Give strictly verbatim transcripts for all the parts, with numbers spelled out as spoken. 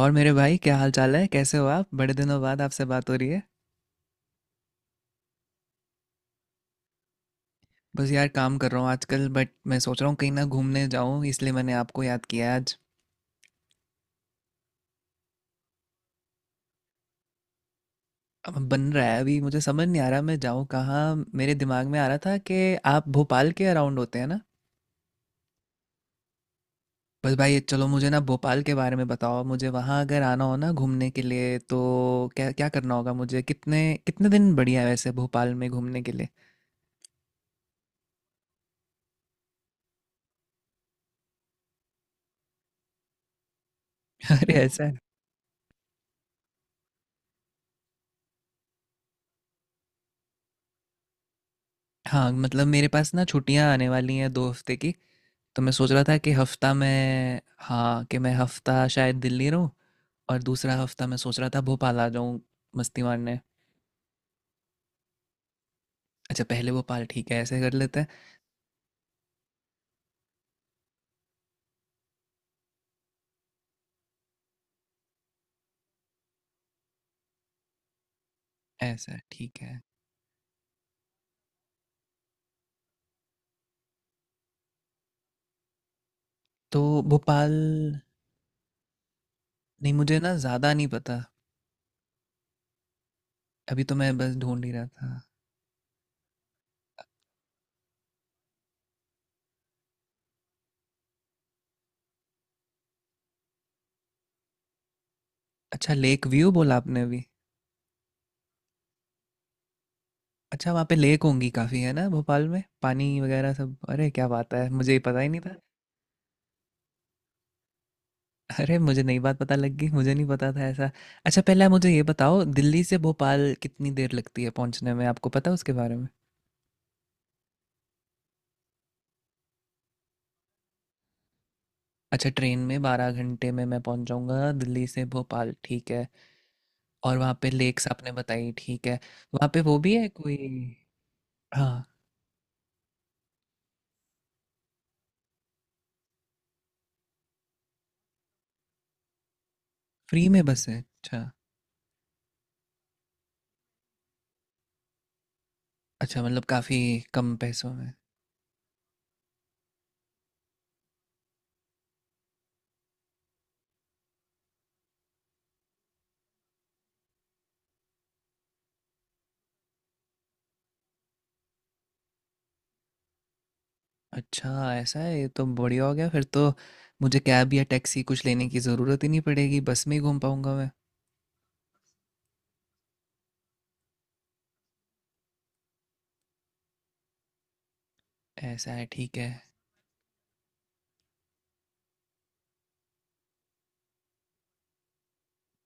और मेरे भाई क्या हाल चाल है? कैसे हो आप? बड़े दिनों बाद आपसे बात हो रही है। बस यार काम कर रहा हूँ आजकल, बट मैं सोच रहा हूँ कहीं ना घूमने जाऊँ, इसलिए मैंने आपको याद किया आज। अब बन रहा है, अभी मुझे समझ नहीं आ रहा मैं जाऊँ कहाँ। मेरे दिमाग में आ रहा था कि आप भोपाल के अराउंड होते हैं ना। बस भाई चलो, मुझे ना भोपाल के बारे में बताओ। मुझे वहाँ अगर आना हो ना घूमने के लिए तो क्या क्या करना होगा? मुझे कितने कितने दिन बढ़िया है वैसे भोपाल में घूमने के लिए? अरे ऐसा है। हाँ मतलब मेरे पास ना छुट्टियाँ आने वाली हैं दो हफ्ते की। तो मैं सोच रहा था कि हफ्ता में, हाँ, कि मैं हफ्ता शायद दिल्ली रहूँ। और दूसरा हफ्ता मैं सोच रहा था भोपाल आ जाऊँ मस्ती मारने। अच्छा, पहले भोपाल, ठीक है, ऐसे कर लेते हैं। ऐसा ठीक है। तो भोपाल नहीं, मुझे ना ज़्यादा नहीं पता। अभी तो मैं बस ढूंढ ही रहा था। अच्छा लेक व्यू बोला आपने अभी। अच्छा, वहाँ पे लेक होंगी काफ़ी है ना भोपाल में? पानी वगैरह सब? अरे क्या बात है, मुझे ही पता ही नहीं। अरे! मुझे नई बात पता लग गई, मुझे नहीं पता था ऐसा। अच्छा पहले आप मुझे ये बताओ दिल्ली से भोपाल कितनी देर लगती है पहुँचने में, आपको पता है उसके बारे में? अच्छा ट्रेन में बारह घंटे में मैं पहुँच जाऊँगा दिल्ली से भोपाल, ठीक है। और वहाँ पे लेक्स आपने बताई, ठीक है। वहाँ पे वो भी है कोई? हाँ, फ्री में बस है? अच्छा। अच्छा मतलब काफ़ी कम पैसों में। अच्छा ऐसा है, ये तो बढ़िया हो गया फिर तो। मुझे कैब या टैक्सी कुछ लेने की ज़रूरत ही नहीं पड़ेगी, बस में ही घूम पाऊँगा मैं। ऐसा है, ठीक है।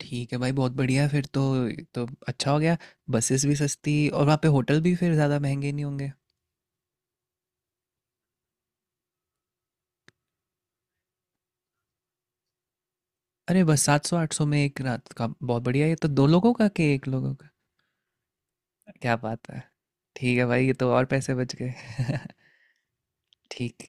ठीक है भाई बहुत बढ़िया है फिर तो। तो अच्छा हो गया। बसेस भी सस्ती और वहाँ पे होटल भी फिर ज़्यादा महंगे नहीं होंगे। अरे बस सात सौ आठ सौ में एक रात का बहुत बढ़िया है। ये तो दो लोगों का कि एक लोगों का? क्या बात है। ठीक है भाई, ये तो और पैसे बच गए। ठीक।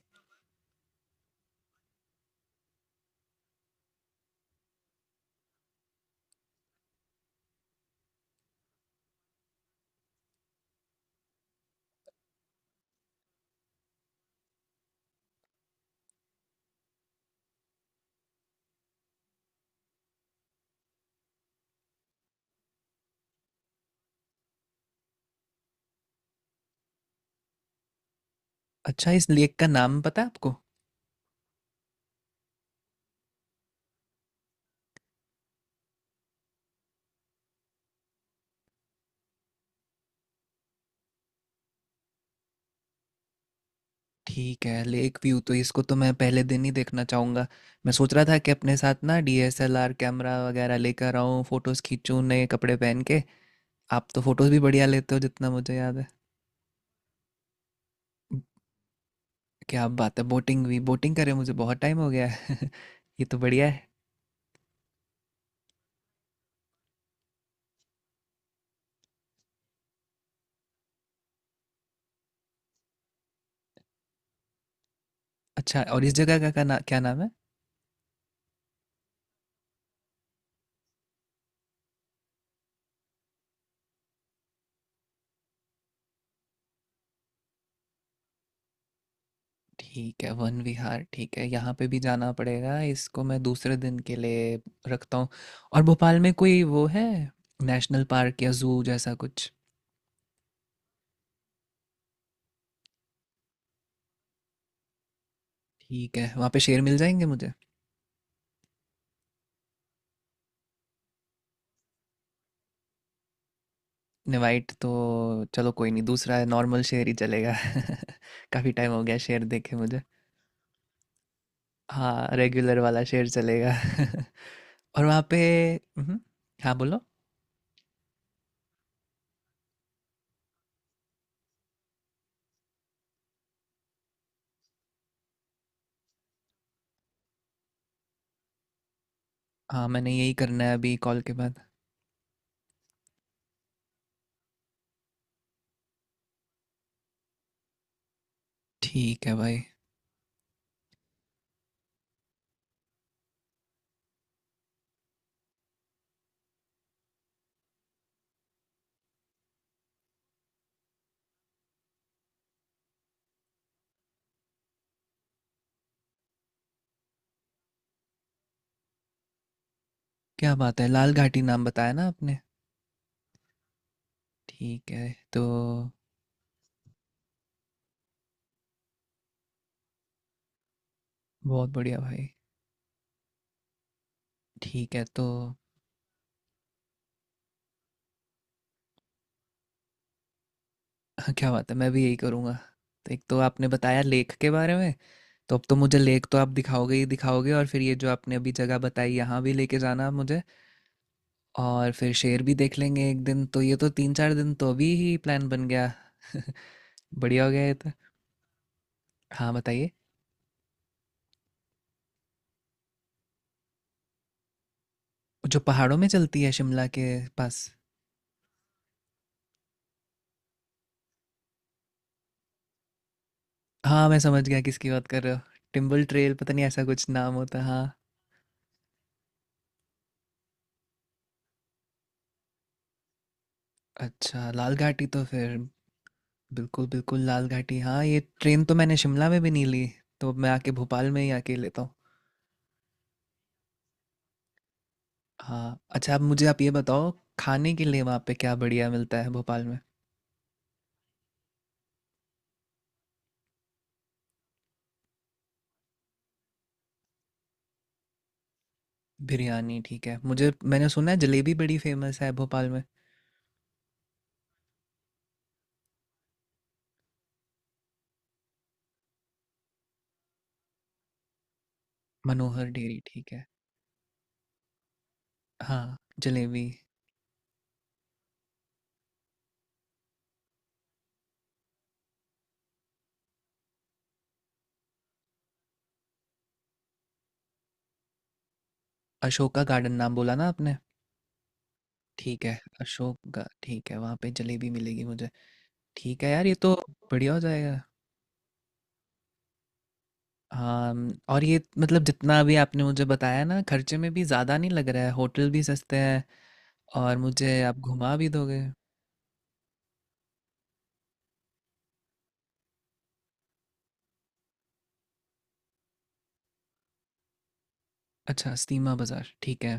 अच्छा इस लेक का नाम पता है आपको? ठीक है लेक व्यू, तो इसको तो मैं पहले दिन ही देखना चाहूँगा। मैं सोच रहा था कि अपने साथ ना डीएसएलआर कैमरा वगैरह लेकर आऊँ, फोटोज़ खींचूँ नए कपड़े पहन के। आप तो फोटोज़ भी बढ़िया लेते हो जितना मुझे याद है। क्या बात है, बोटिंग भी! बोटिंग करे मुझे बहुत टाइम हो गया है। ये तो बढ़िया है। अच्छा और इस जगह का, का ना, क्या नाम है? ठीक है वन विहार, ठीक है, यहाँ पे भी जाना पड़ेगा, इसको मैं दूसरे दिन के लिए रखता हूँ। और भोपाल में कोई वो है, नेशनल पार्क या जू जैसा कुछ? ठीक है वहाँ पे शेर मिल जाएंगे मुझे। वाइट तो, चलो कोई नहीं, दूसरा है, नॉर्मल शेर ही चलेगा। काफ़ी टाइम हो गया शेर देखे मुझे। हाँ रेगुलर वाला शेर चलेगा। और वहाँ पे, हम्म, हाँ बोलो। हाँ मैंने यही करना है अभी कॉल के बाद। ठीक है भाई। क्या बात है लाल घाटी नाम बताया ना आपने? ठीक है तो। बहुत बढ़िया भाई। ठीक है तो। हाँ, क्या बात है, मैं भी यही करूँगा। तो एक तो आपने बताया लेक के बारे में, तो अब तो मुझे लेक तो आप दिखाओगे ही दिखाओगे, और फिर ये जो आपने अभी जगह बताई यहाँ भी लेके जाना आप मुझे। और फिर शेर भी देख लेंगे एक दिन, तो ये तो तीन चार दिन तो अभी ही प्लान बन गया। बढ़िया हो गया ये तो। हाँ बताइए। जो पहाड़ों में चलती है शिमला के पास? हाँ मैं समझ गया किसकी बात कर रहे हो। टिम्बल ट्रेल, पता नहीं ऐसा कुछ नाम होता है, हाँ। अच्छा लाल घाटी, तो फिर। बिल्कुल बिल्कुल, लाल घाटी, हाँ। ये ट्रेन तो मैंने शिमला में भी नहीं ली, तो मैं आके भोपाल में ही आके लेता हूँ। हाँ अच्छा अब मुझे आप ये बताओ, खाने के लिए वहाँ पे क्या बढ़िया मिलता है भोपाल में? बिरयानी ठीक है मुझे। मैंने सुना है जलेबी बड़ी फेमस है भोपाल में। मनोहर डेयरी, ठीक है। हाँ जलेबी। अशोका गार्डन नाम बोला ना आपने? ठीक है। अशोक गा- ठीक है, वहाँ पे जलेबी मिलेगी मुझे। ठीक है यार ये तो बढ़िया हो जाएगा। हाँ, और ये मतलब जितना भी आपने मुझे बताया ना, खर्चे में भी ज़्यादा नहीं लग रहा है, होटल भी सस्ते हैं, और मुझे आप घुमा भी दोगे। अच्छा स्टीमा बाज़ार, ठीक है।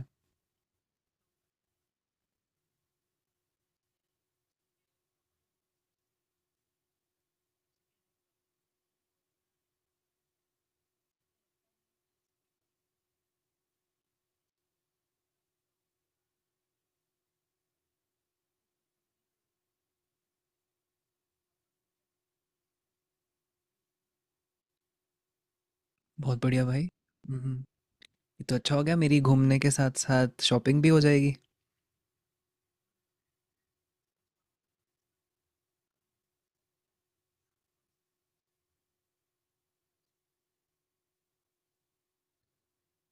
बहुत बढ़िया भाई। हम्म। ये तो अच्छा हो गया, मेरी घूमने के साथ साथ शॉपिंग भी हो जाएगी।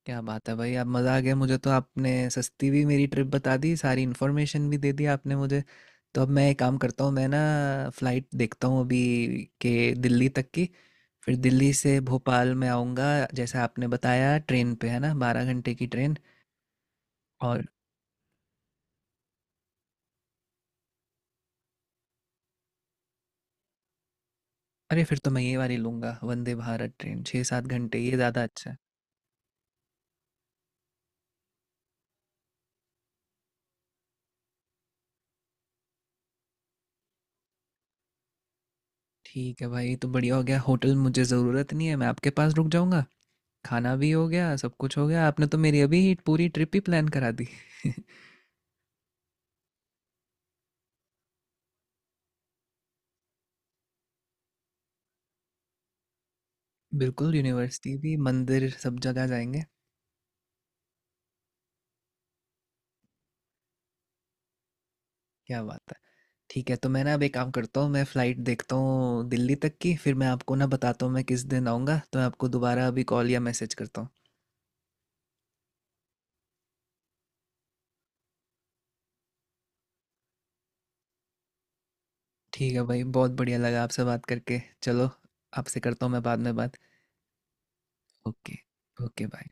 क्या बात है भाई! अब मज़ा आ गया, मुझे तो आपने सस्ती भी मेरी ट्रिप बता दी, सारी इन्फॉर्मेशन भी दे दी आपने मुझे। तो अब मैं एक काम करता हूँ, मैं ना फ़्लाइट देखता हूँ अभी के दिल्ली तक की, फिर दिल्ली से भोपाल में आऊँगा जैसा आपने बताया ट्रेन पे, है ना? बारह घंटे की ट्रेन। और अरे! फिर तो मैं ये वाली लूँगा वंदे भारत ट्रेन, छह सात घंटे, ये ज़्यादा अच्छा है। ठीक है भाई, ये तो बढ़िया हो गया, होटल मुझे ज़रूरत नहीं है, मैं आपके पास रुक जाऊँगा। खाना भी हो गया, सब कुछ हो गया, आपने तो मेरी अभी पूरी ट्रिप ही प्लान करा दी। बिल्कुल, यूनिवर्सिटी भी, मंदिर, सब जगह जाएँगे। क्या बात है! ठीक है, तो मैं ना अब एक काम करता हूँ, मैं फ़्लाइट देखता हूँ दिल्ली तक की, फिर मैं आपको ना बताता हूँ मैं किस दिन आऊँगा, तो मैं आपको दोबारा अभी कॉल या मैसेज करता हूँ। ठीक है भाई, बहुत बढ़िया लगा आपसे बात करके। चलो, आपसे करता हूँ मैं बाद में बात। Okay, okay, bye.